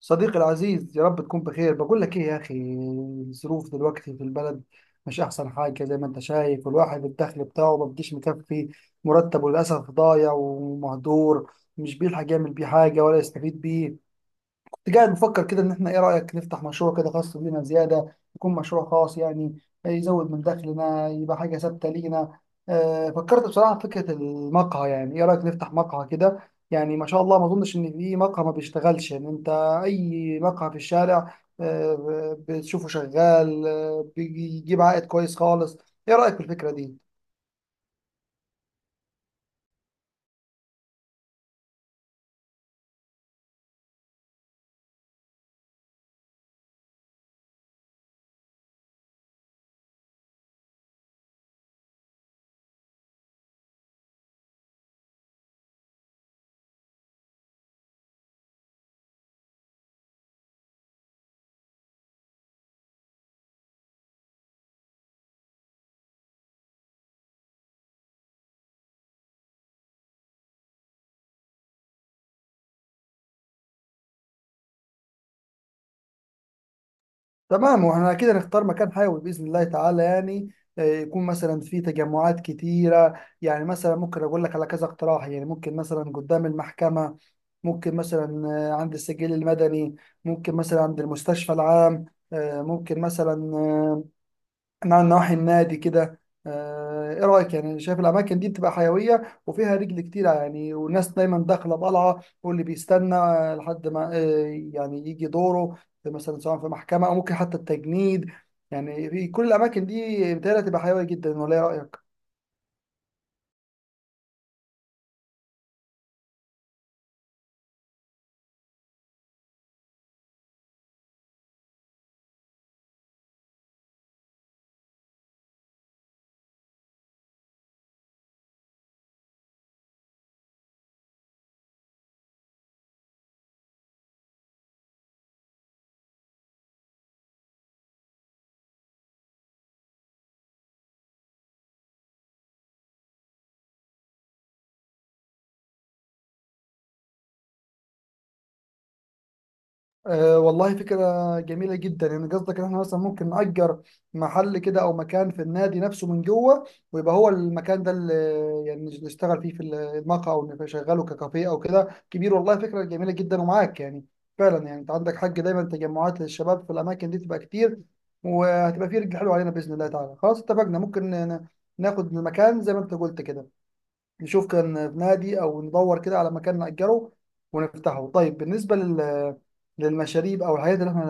صديقي العزيز، يا رب تكون بخير. بقول لك ايه يا اخي، الظروف دلوقتي في البلد مش احسن حاجه زي ما انت شايف. والواحد الدخل بتاعه ما بيجيش مكفي، مرتبه للاسف ضايع ومهدور، مش بيلحق يعمل بيه حاجه ولا يستفيد بيه. كنت قاعد بفكر كده ان احنا ايه رأيك نفتح مشروع كده خاص بينا زيادة، يكون مشروع خاص يعني يزود من دخلنا، يبقى حاجة ثابتة لينا. فكرت بصراحة في فكرة المقهى، يعني ايه رأيك نفتح مقهى كده؟ يعني ما شاء الله ما اظنش ان في مقهى ما بيشتغلش، ان انت اي مقهى في الشارع بتشوفه شغال، بيجيب عائد كويس خالص. ايه رأيك في الفكرة دي؟ تمام، واحنا كده نختار مكان حيوي باذن الله تعالى يعني، يكون مثلا في تجمعات كتيره. يعني مثلا ممكن اقول لك على كذا اقتراح، يعني ممكن مثلا قدام المحكمه، ممكن مثلا عند السجل المدني، ممكن مثلا عند المستشفى العام، ممكن مثلا، من نواحي النادي كده. ايه رايك؟ يعني شايف الاماكن دي بتبقى حيويه وفيها رجل كتير يعني، والناس دايما داخله طالعه، واللي بيستنى لحد ما يعني يجي دوره في مثلا سواء في محكمه او ممكن حتى التجنيد. يعني في كل الاماكن دي بتبقى حيويه جدا، ولا ايه رايك؟ أه والله فكرة جميلة جدا. يعني قصدك ان احنا مثلا ممكن نأجر محل كده او مكان في النادي نفسه من جوه، ويبقى هو المكان ده اللي يعني نشتغل فيه في المقهى او نشغله ككافيه او كده كبير. والله فكرة جميلة جدا ومعاك يعني، فعلا يعني انت عندك حق. دايما تجمعات للشباب في الاماكن دي تبقى كتير، وهتبقى فيه رجل حلو علينا باذن الله تعالى. خلاص اتفقنا، ممكن ناخد المكان زي ما انت قلت كده، نشوف كان في نادي او ندور كده على مكان نأجره ونفتحه. طيب، بالنسبة لل للمشاريب او الحاجات اللي احنا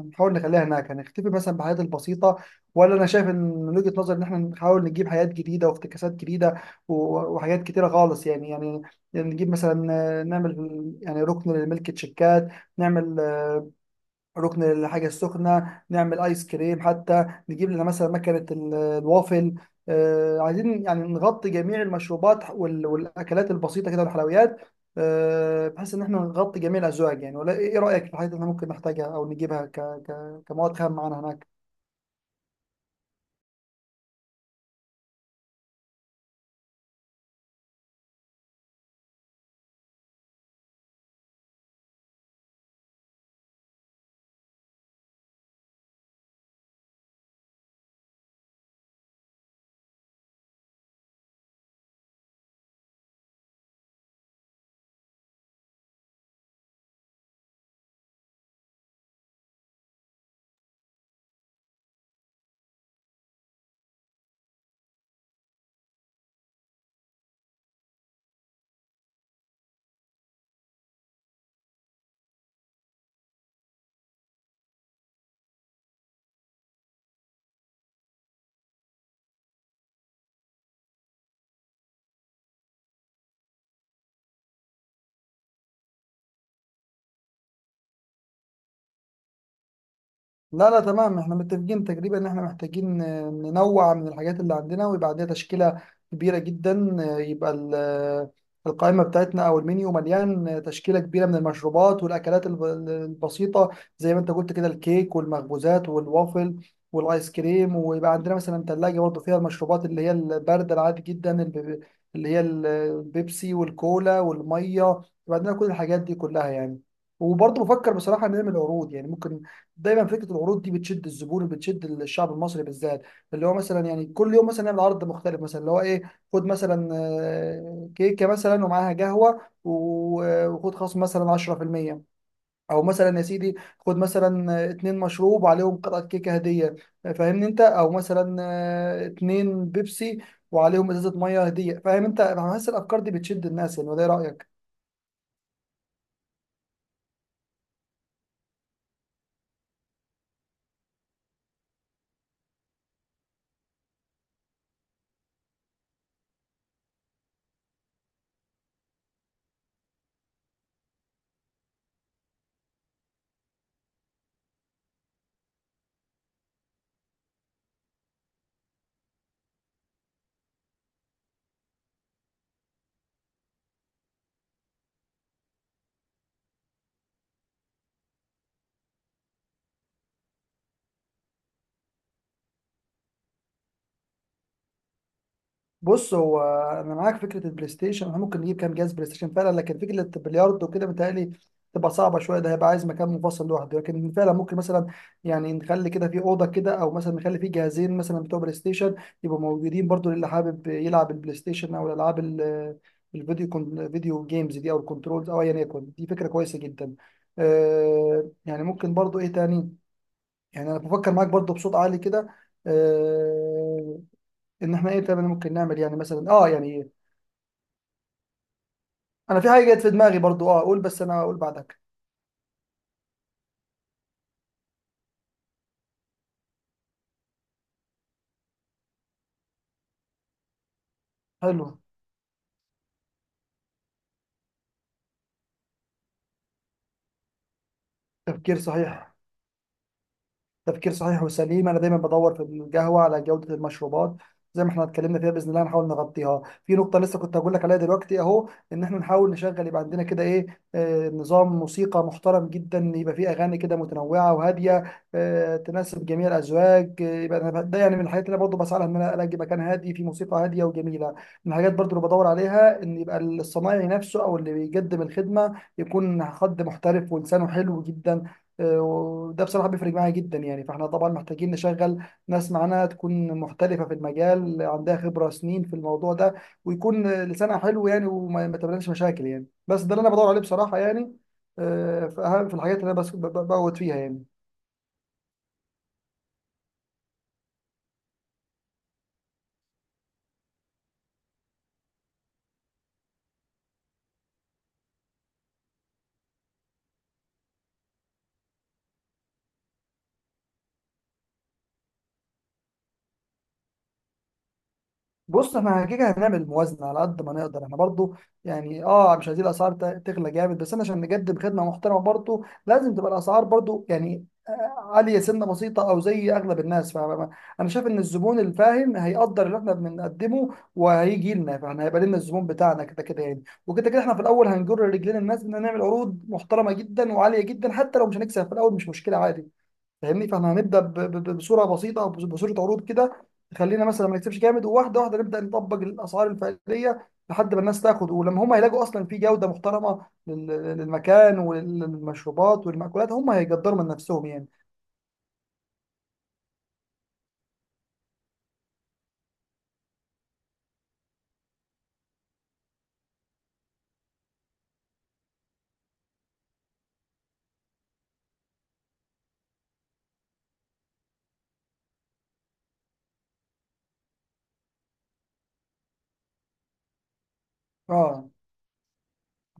نحاول نخليها هناك، هنختفي مثلا بالحاجات البسيطه، ولا انا شايف ان من وجهه نظري ان احنا نحاول نجيب حاجات جديده وافتكاسات جديده وحاجات كتيره خالص يعني. يعني نجيب مثلا، نعمل يعني ركن لملك تشيكات، نعمل ركن الحاجة السخنة، نعمل آيس كريم، حتى نجيب لنا مثلا مكنة الوافل. عايزين يعني نغطي جميع المشروبات والأكلات البسيطة كده والحلويات، بحيث إن إحنا نغطي جميع الأزواج يعني. ولا إيه إيه رأيك في الحاجات اللي إحنا ممكن نحتاجها أو نجيبها كمواد خام معانا هناك؟ لا، تمام، احنا متفقين تقريبا ان احنا محتاجين ننوع من الحاجات اللي عندنا، ويبقى عندنا تشكيلة كبيرة جدا. يبقى القائمة بتاعتنا او المنيو مليان تشكيلة كبيرة من المشروبات والاكلات البسيطة، زي ما انت قلت كده: الكيك والمخبوزات والوافل والايس كريم. ويبقى عندنا مثلا ثلاجة برضه فيها المشروبات اللي هي الباردة العادي جدا، اللي هي البيبسي والكولا والمية. يبقى عندنا كل الحاجات دي كلها يعني. وبرضه بفكر بصراحة نعمل عروض يعني ممكن. دايما فكره العروض دي بتشد الزبون وبتشد الشعب المصري بالذات. اللي هو مثلا يعني كل يوم مثلا نعمل عرض مختلف، مثلا اللي هو ايه؟ خد مثلا كيكه مثلا ومعاها قهوه وخد خصم مثلا 10%، او مثلا يا سيدي خد مثلا اتنين مشروب وعليهم قطعه كيكه هديه، فاهمني انت، او مثلا اتنين بيبسي وعليهم ازازه ميه هديه، فاهم انت. انا حاسس الافكار دي بتشد الناس يعني، وده ايه رايك؟ بص، هو انا معاك فكره البلاي ستيشن. احنا ممكن نجيب كام جهاز بلاي ستيشن فعلا، لكن فكره البلياردو وكده متهيألي تبقى صعبه شويه. ده هيبقى عايز مكان منفصل لوحده، لكن فعلا ممكن مثلا يعني نخلي كده في اوضه كده، او مثلا نخلي فيه جهازين مثلا بتوع بلاي ستيشن يبقوا موجودين برضو للي حابب يلعب البلاي ستيشن او الالعاب الفيديو، كون فيديو جيمز دي او الكنترولز او ايا يكن. دي فكره كويسه جدا. آه يعني ممكن برضو ايه تاني؟ يعني انا بفكر معاك برضو بصوت عالي كده، آه، ان احنا ايه تاني ممكن نعمل يعني. مثلا اه يعني انا في حاجه جت في دماغي برضو اه اقول، بس انا اقول بعدك. حلو، تفكير صحيح. تفكير صحيح وسليم، انا دايما بدور في القهوه على جوده المشروبات، زي ما احنا اتكلمنا فيها باذن الله هنحاول نغطيها. في نقطه لسه كنت هقول لك عليها دلوقتي اهو، ان احنا نحاول نشغل يبقى عندنا كده ايه، نظام موسيقى محترم جدا يبقى فيه اغاني كده متنوعه وهاديه، تناسب جميع الازواج. يبقى أنا ده يعني من الحاجات اللي انا برضه بسعى لها، ان انا الاقي مكان هادي فيه موسيقى هاديه وجميله. من الحاجات برضه اللي بدور عليها ان يبقى الصنايعي نفسه او اللي بيقدم الخدمه يكون حد محترف ولسانه حلو جدا. وده بصراحة بيفرق معايا جدا يعني. فاحنا طبعا محتاجين نشغل ناس معانا تكون محترفة في المجال، عندها خبرة سنين في الموضوع ده، ويكون لسانها حلو يعني، وما ما تقابلناش مشاكل يعني. بس ده اللي انا بدور عليه بصراحة يعني، في اهم في الحاجات اللي انا بس بقعد فيها يعني. بص، احنا كده هنعمل موازنه على قد ما نقدر احنا برضو. يعني اه مش عايزين الاسعار تغلى جامد، بس انا عشان نقدم خدمه محترمه برضو لازم تبقى الاسعار برضو يعني عاليه سنه بسيطه او زي اغلب الناس. فانا شايف ان الزبون الفاهم هيقدر اللي احنا بنقدمه وهيجي لنا، فاحنا هيبقى لنا الزبون بتاعنا كده كده يعني. وكده كده احنا في الاول هنجر رجلين الناس ان نعمل عروض محترمه جدا وعاليه جدا، حتى لو مش هنكسب في الاول مش مشكله عادي. فاهمني؟ فاحنا هنبدا بصوره بسيطه او بصوره عروض كده، تخلينا مثلا ما نكسبش جامد. وواحده واحده نبدا نطبق الاسعار الفعليه، لحد ما الناس تاخد، ولما هم يلاقوا اصلا في جوده محترمه للمكان وللمشروبات والمأكولات، هم هيقدروا من نفسهم يعني. اه،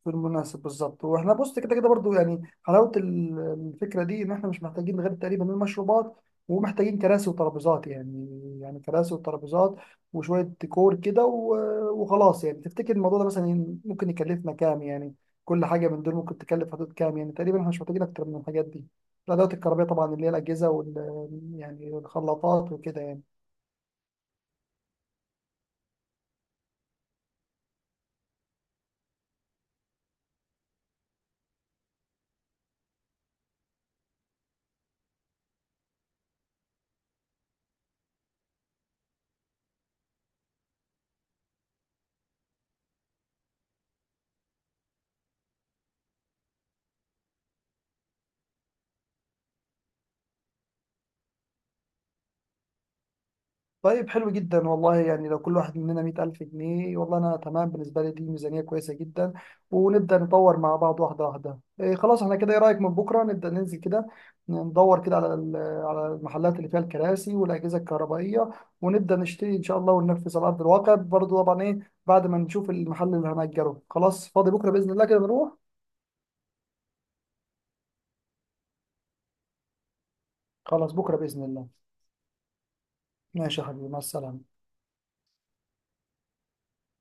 في المناسب بالظبط. واحنا بص كده كده برضو يعني حلاوه الفكره دي، ان احنا مش محتاجين غير تقريبا المشروبات ومحتاجين كراسي وترابيزات يعني، يعني كراسي وترابيزات وشويه ديكور كده وخلاص يعني. تفتكر الموضوع ده مثلا ممكن يكلفنا كام يعني؟ كل حاجه من دول ممكن تكلف حدود كام يعني تقريبا؟ احنا مش محتاجين اكتر من الحاجات دي: الادوات الكهربائيه طبعا اللي هي الاجهزه وال يعني الخلاطات وكده يعني. طيب حلو جدا والله. يعني لو كل واحد مننا 100,000 جنيه، والله أنا تمام. بالنسبة لي دي ميزانية كويسة جدا، ونبدأ نطور مع بعض واحدة واحدة. إيه خلاص احنا كده، إيه رأيك من بكرة نبدأ ننزل كده ندور كده على على المحلات اللي فيها الكراسي والأجهزة الكهربائية، ونبدأ نشتري إن شاء الله وننفذ على أرض الواقع برضه طبعا. إيه بعد ما نشوف المحل اللي هنأجره خلاص فاضي بكرة بإذن الله كده نروح. خلاص بكرة بإذن الله. ماشي يا حبيبي، مع السلامة.